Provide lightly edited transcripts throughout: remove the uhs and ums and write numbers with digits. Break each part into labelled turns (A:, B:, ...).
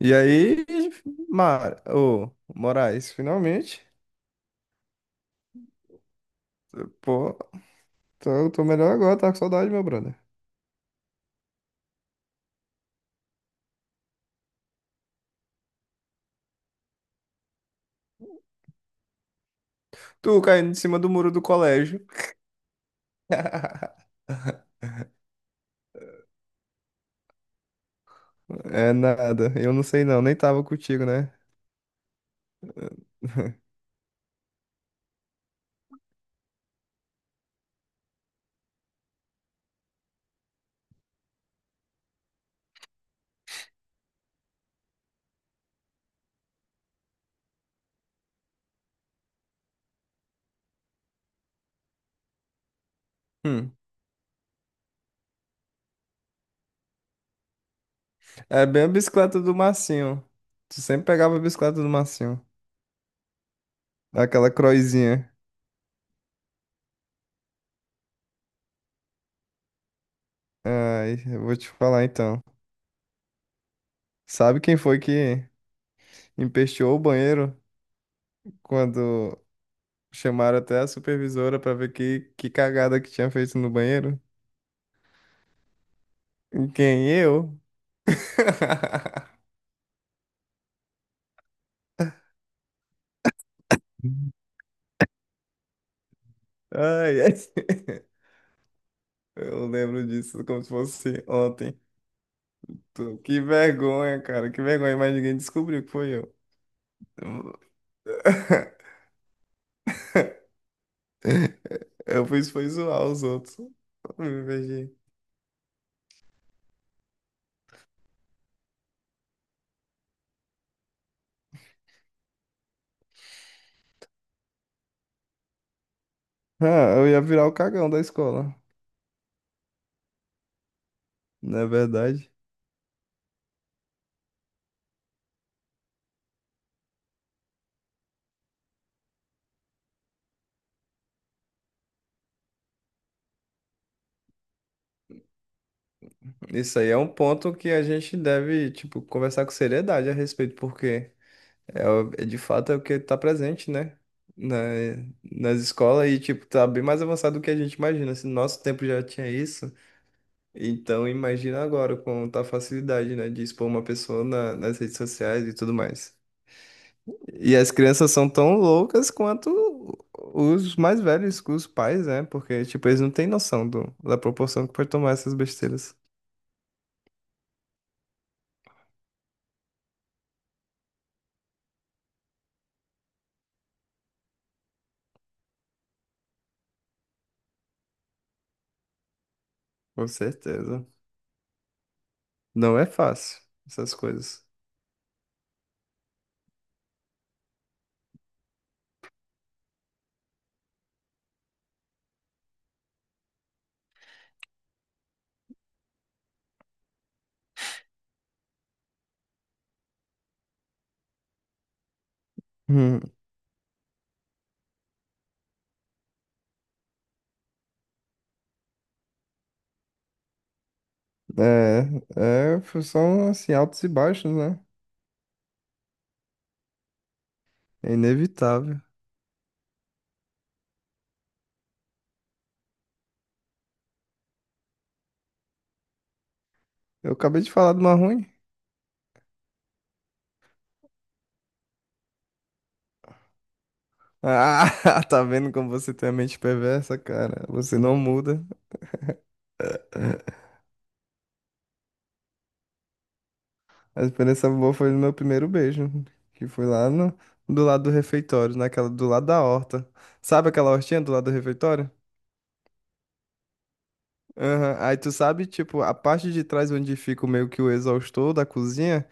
A: E aí, Mar... ô, Moraes, finalmente. Pô, tô melhor agora, tá com saudade, meu brother. Tu caindo em cima do muro do colégio. É nada, eu não sei não, nem tava contigo, né? Hum. É bem a bicicleta do Massinho. Tu sempre pegava a bicicleta do Massinho. Aquela croizinha. Ai, eu vou te falar então. Sabe quem foi que empesteou o banheiro quando chamaram até a supervisora pra ver que cagada que tinha feito no banheiro. Quem? Eu? Ai, ai. Eu lembro disso como se fosse ontem. Tu- Que vergonha, cara. Que vergonha, mas ninguém descobriu que foi eu. Eu fiz foi zoar os outros. Me vez. Ah, eu ia virar o cagão da escola. Não é verdade? Isso aí é um ponto que a gente deve, tipo, conversar com seriedade a respeito, porque é, o- é de fato é o que tá presente, né? Na, nas escolas e, tipo, tá bem mais avançado do que a gente imagina. Se no nosso tempo já tinha isso, então imagina agora com tá facilidade, né? De expor uma pessoa na- nas redes sociais e tudo mais. E as crianças são tão loucas quanto os mais velhos, os pais, né? Porque, tipo, eles não têm noção do, da proporção que pode tomar essas besteiras. Com certeza. Não é fácil, essas coisas. É, é, são assim, altos e baixos, né? É inevitável. Eu acabei de falar de uma ruim. Ah, tá vendo como você tem a mente perversa, cara? Você não muda. É, a experiência boa foi no meu primeiro beijo, que foi lá no, do lado do refeitório, naquela do lado da horta. Sabe aquela hortinha do lado do refeitório? Aham. Aí tu sabe, tipo, a parte de trás onde fica meio que o exaustor da cozinha?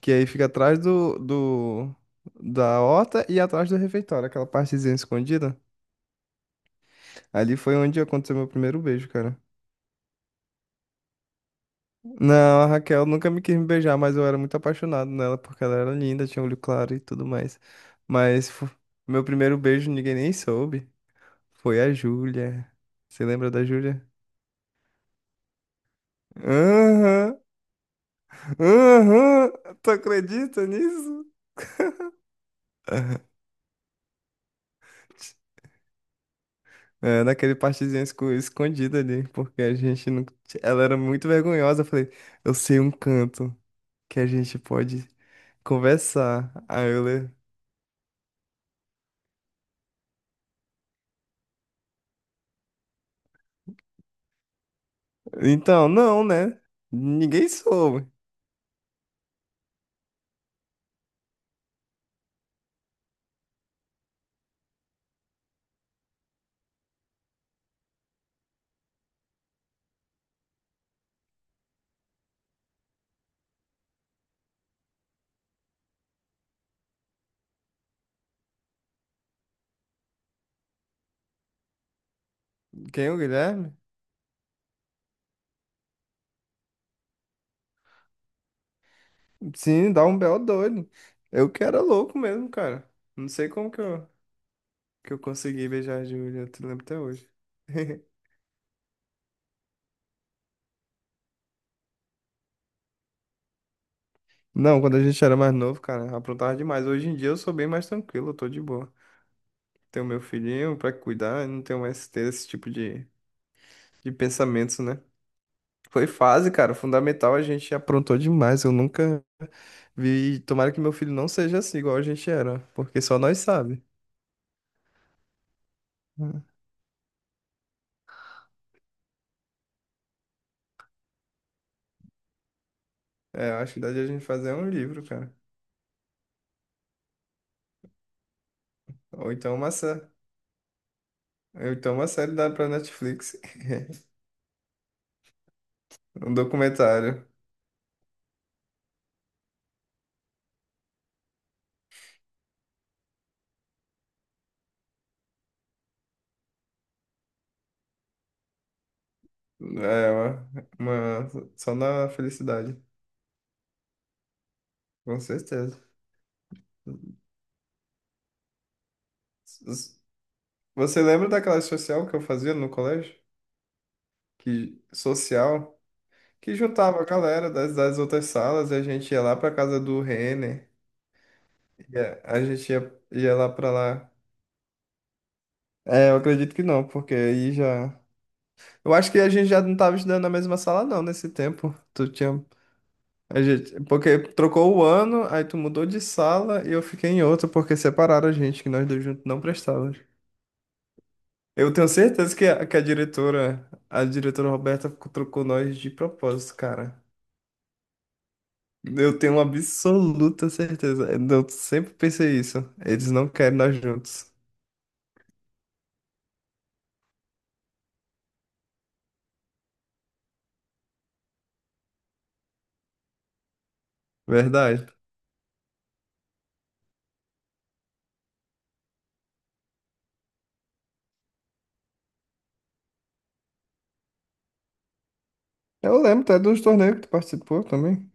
A: Que aí fica atrás do, do, da horta e atrás do refeitório, aquela partezinha escondida. Ali foi onde aconteceu meu primeiro beijo, cara. Não, a Raquel nunca me quis me beijar, mas eu era muito apaixonado nela, porque ela era linda, tinha olho claro e tudo mais. Mas fo- meu primeiro beijo ninguém nem soube. Foi a Júlia. Você lembra da Júlia? Aham, aham, tu acredita nisso? É, naquele partezinho esco- escondido ali, porque a gente não. Ela era muito vergonhosa. Eu falei, eu sei um canto que a gente pode conversar. Aí eu le... Então, não, né? Ninguém soube. Quem é o Guilherme? Sim, dá um belo doido. Eu que era louco mesmo, cara. Não sei como que eu consegui beijar a Júlia, eu te lembro até hoje. Não, quando a gente era mais novo, cara, aprontava demais. Hoje em dia eu sou bem mais tranquilo, eu tô de boa. Tenho meu filhinho pra cuidar, não tenho mais ter esse tipo de pensamentos, né? Foi fase, cara, fundamental, a gente aprontou demais. Eu nunca vi. Tomara que meu filho não seja assim, igual a gente era, porque só nós sabe. É, eu acho que dá de a gente fazer um livro, cara. Ou então uma, sé- ou então uma série dá pra Netflix. Um documentário. É, uma- Só na felicidade. Com certeza. S- Você lembra daquela social que eu fazia no colégio? Que social. Que juntava a galera das, das outras salas e a gente ia lá pra casa do Renner. E a gente ia, ia lá pra lá. É, eu acredito que não, porque aí já. Eu acho que a gente já não tava estudando na mesma sala, não, nesse tempo. Tu tinha. A gente... Porque trocou o ano, aí tu mudou de sala e eu fiquei em outra, porque separaram a gente, que nós dois juntos não prestávamos. Eu tenho certeza que a diretora Roberta, trocou nós de propósito, cara. Eu tenho uma absoluta certeza. Eu sempre pensei isso. Eles não querem nós juntos. Verdade. Eu lembro até dos torneios que tu participou também.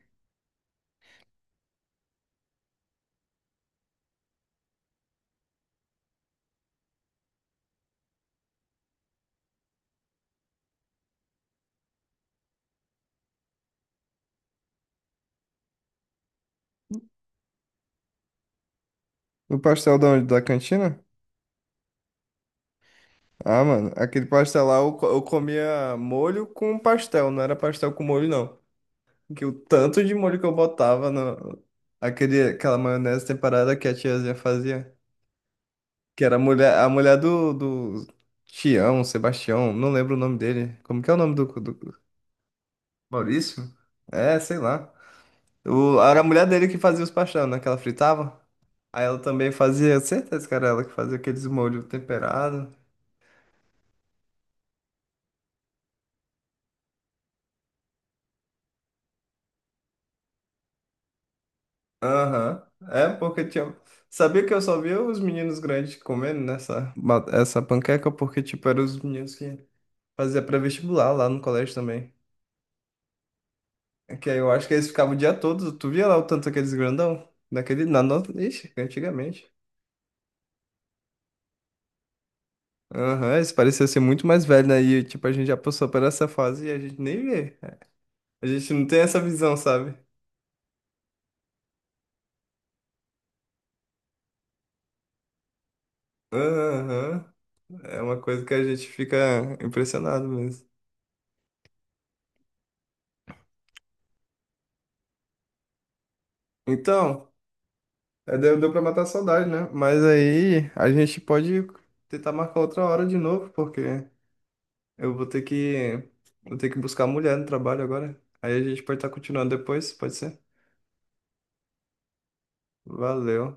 A: Do pastel da onde? Da cantina? Ah, mano, aquele pastel lá eu, co- eu comia molho com pastel, não era pastel com molho, não. Que o tanto de molho que eu botava no, aquele, aquela maionese temperada que a tiazinha fazia. Que era a mulher do, do Tião, Sebastião, não lembro o nome dele. Como que é o nome do, do... Maurício? É, sei lá. O- era a mulher dele que fazia os paixão, né? Que ela fritava. Aí ela também fazia, certeza que era ela que fazia aqueles molhos temperados. Aham. É, porque tinha. Sabia que eu só via os meninos grandes comendo nessa ba- essa panqueca, porque, tipo, eram os meninos que faziam pré-vestibular lá no colégio também. É. Que aí eu acho que eles ficavam o dia todo. Tu via lá o tanto aqueles grandão? Naquele. Na nossa. Ixi, antigamente. Aham, eles pareciam ser muito mais velhos, né? E, tipo, a gente já passou por essa fase e a gente nem vê. A gente não tem essa visão, sabe? Aham, é uma coisa que a gente fica impressionado mesmo. Então, é, deu, deu pra matar a saudade, né? Mas aí a gente pode tentar marcar outra hora de novo, porque eu vou ter que buscar a mulher no trabalho agora. Aí a gente pode estar continuando depois, pode ser? Valeu.